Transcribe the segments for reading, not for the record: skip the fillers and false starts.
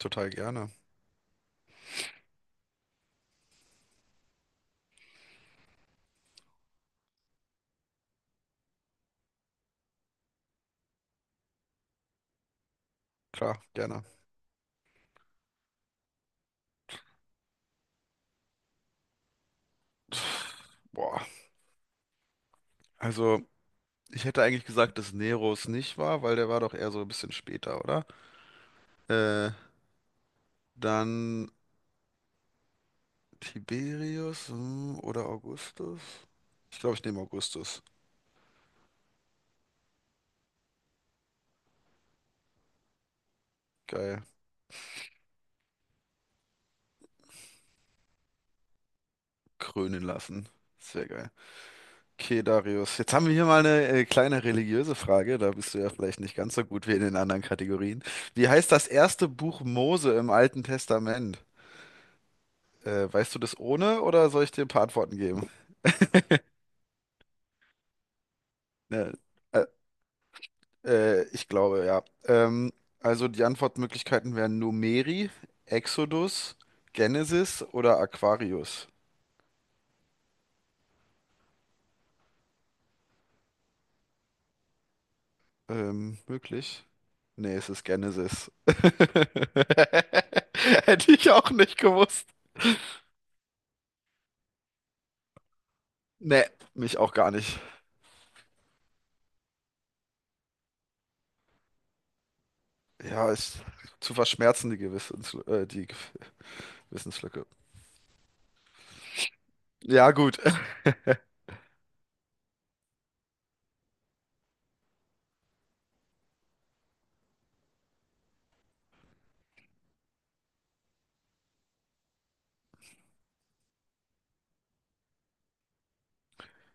Total gerne. Klar, gerne. Pff, boah. Also, ich hätte eigentlich gesagt, dass Nero es nicht war, weil der war doch eher so ein bisschen später, oder? Äh, Dann Tiberius, hm, oder Augustus? Ich glaube, ich nehme Augustus. Geil. Krönen lassen. Sehr geil. Okay, Darius. Jetzt haben wir hier mal eine kleine religiöse Frage. Da bist du ja vielleicht nicht ganz so gut wie in den anderen Kategorien. Wie heißt das erste Buch Mose im Alten Testament? Weißt du das ohne oder soll ich dir ein paar Antworten geben? Ne, äh, ich glaube, ja. Also die Antwortmöglichkeiten wären Numeri, Exodus, Genesis oder Aquarius. Möglich? Nee, es ist Genesis. Hätte ich auch nicht gewusst. Nee, mich auch gar nicht. Ja, ist zu verschmerzen, die Wissenslücke. Ja, gut.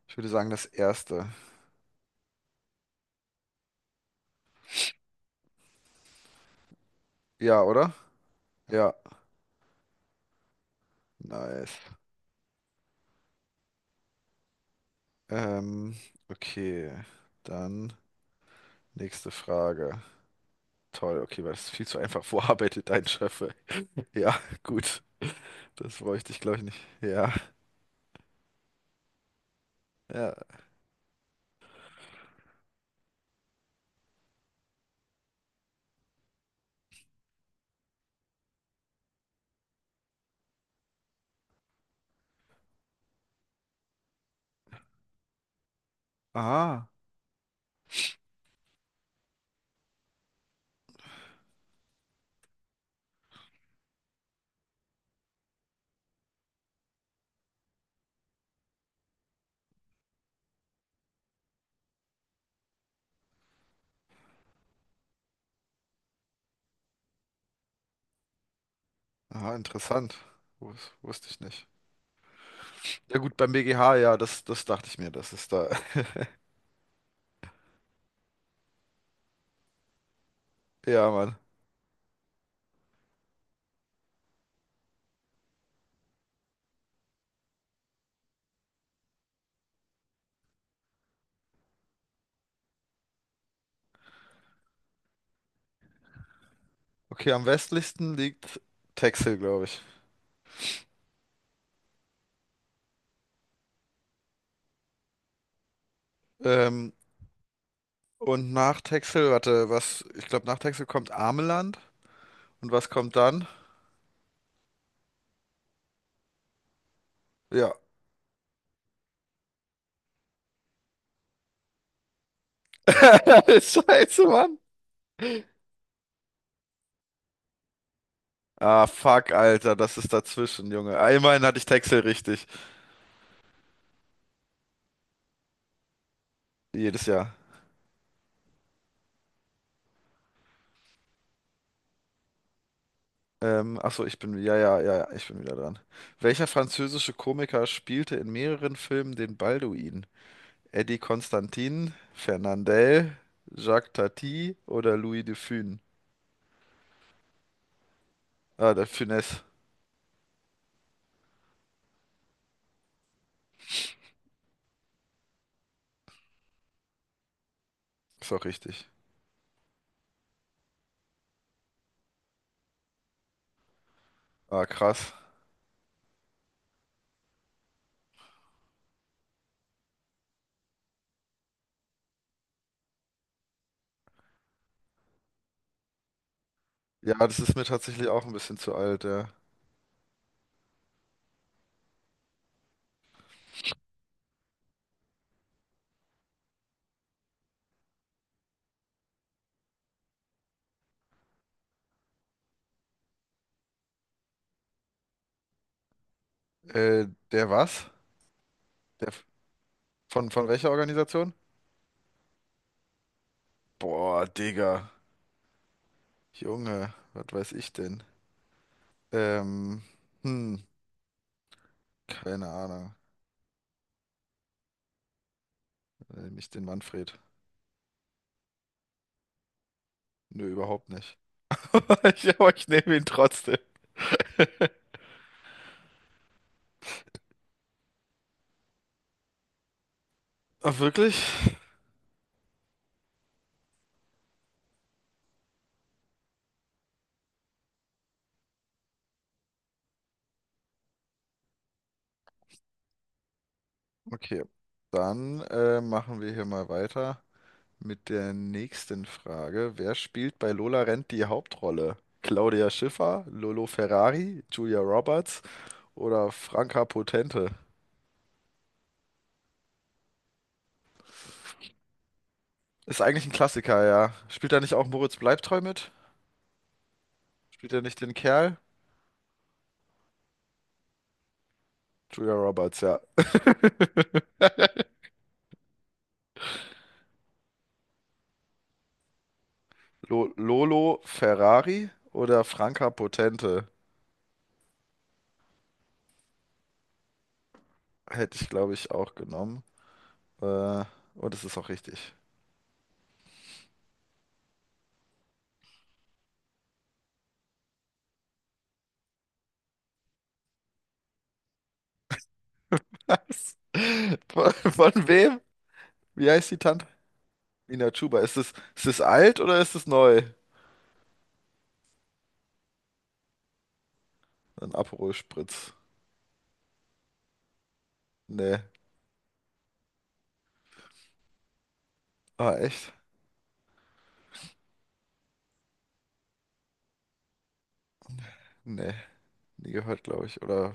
Ich würde sagen, das erste. Ja, oder? Ja, nice. Ähm, okay, dann nächste Frage. Toll, okay, weil das ist viel zu einfach. Wo arbeitet dein Chef? Ey? Ja, gut. Das bräuchte ich, glaube ich, nicht. Ja, ja. Aha, aha, interessant. Wusste ich nicht. Ja gut, beim BGH, ja, das dachte ich mir, das ist da. Ja, Mann. Okay, am westlichsten liegt Texel, glaube ich. Ähm, und nach Texel, warte, was, ich glaube, nach Texel kommt Ameland. Und was kommt dann? Ja. Scheiße, Mann. Ah, fuck, Alter, das ist dazwischen, Junge. Einmal hatte ich Texel richtig. Jedes Jahr. Achso, ich bin, ja, ja, ja, ja, ich bin wieder dran. Welcher französische Komiker spielte in mehreren Filmen den Balduin? Eddie Constantin, Fernandel, Jacques Tati oder Louis de Funès? Ah, der Funès. Ist auch richtig. Ah, krass. Ja, das ist mir tatsächlich auch ein bisschen zu alt, ja. Der was? Der f- von welcher Organisation? Boah, Digga. Junge, was weiß ich denn? Ähm, hm, Keine Ahnung. Nämlich den Manfred. Nö, überhaupt nicht. Ich, aber ich nehme ihn trotzdem. Ach, wirklich? Okay. Dann machen wir hier mal weiter mit der nächsten Frage. Wer spielt bei Lola Rent die Hauptrolle? Claudia Schiffer, Lolo Ferrari, Julia Roberts oder Franka Potente? Ist eigentlich ein Klassiker, ja. Spielt da nicht auch Moritz Bleibtreu mit? Spielt er nicht den Kerl? Julia Roberts, ja. Lo Lolo Ferrari oder Franka Potente? Hätte ich, glaube ich, auch genommen. Äh, und es ist auch richtig. Was? Von wem? Wie heißt die Tante? Ina Chuba. Ist es alt oder ist es neu? Ein Aperol Spritz. Nee. Ah, echt? Nee. Nie gehört, glaube ich. Oder.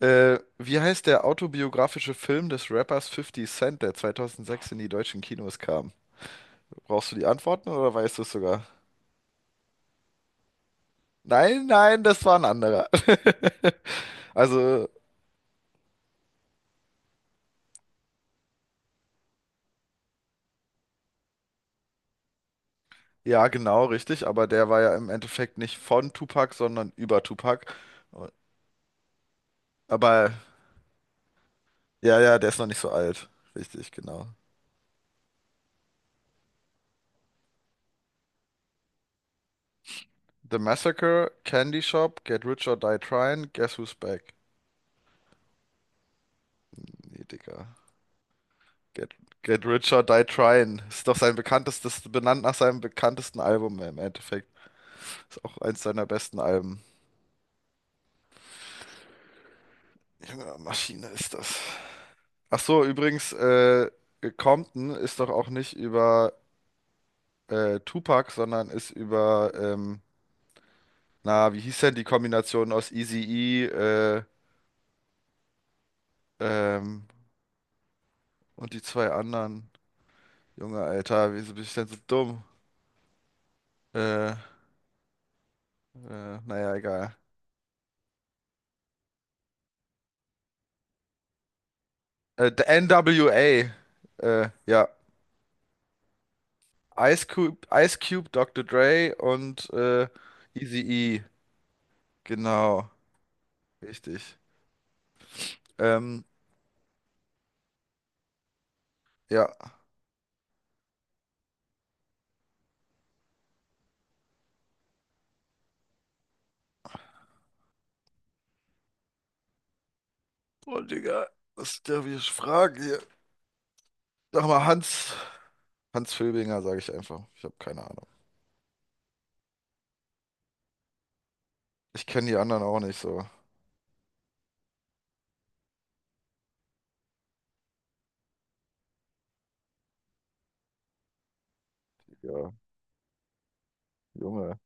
Wie heißt der autobiografische Film des Rappers Fifty Cent, der 2006 in die deutschen Kinos kam? Brauchst du die Antworten oder weißt du es sogar? Nein, nein, das war ein anderer. Also ja, genau, richtig, aber der war ja im Endeffekt nicht von Tupac, sondern über Tupac. Aber ja, ja, der ist noch nicht so alt. Richtig, genau. The Massacre, Candy Shop, Get Rich or Die Tryin', Guess Who's Back? Nee, Digga. Get, Get Rich or Die Tryin'. Ist doch sein bekanntestes, benannt nach seinem bekanntesten Album im Endeffekt. Ist auch eins seiner besten Alben. Junge, Maschine ist das. Ach so, übrigens, Compton ist doch auch nicht über Tupac, sondern ist über na, wie hieß denn die Kombination aus Eazy-E ähm, und die zwei anderen? Junge, Alter, wieso bin ich denn so dumm? Äh, äh, egal. Der NWA. Ja. Ice Cube, Dr. Dre und Eazy-E. Genau, richtig. Ähm, ja. Oh, Digga, was ist der wieder Frage hier? Sag mal, Hans. Hans Filbinger, sage ich einfach. Ich habe keine Ahnung. Ich kenne die anderen auch nicht so. Ja, Junge.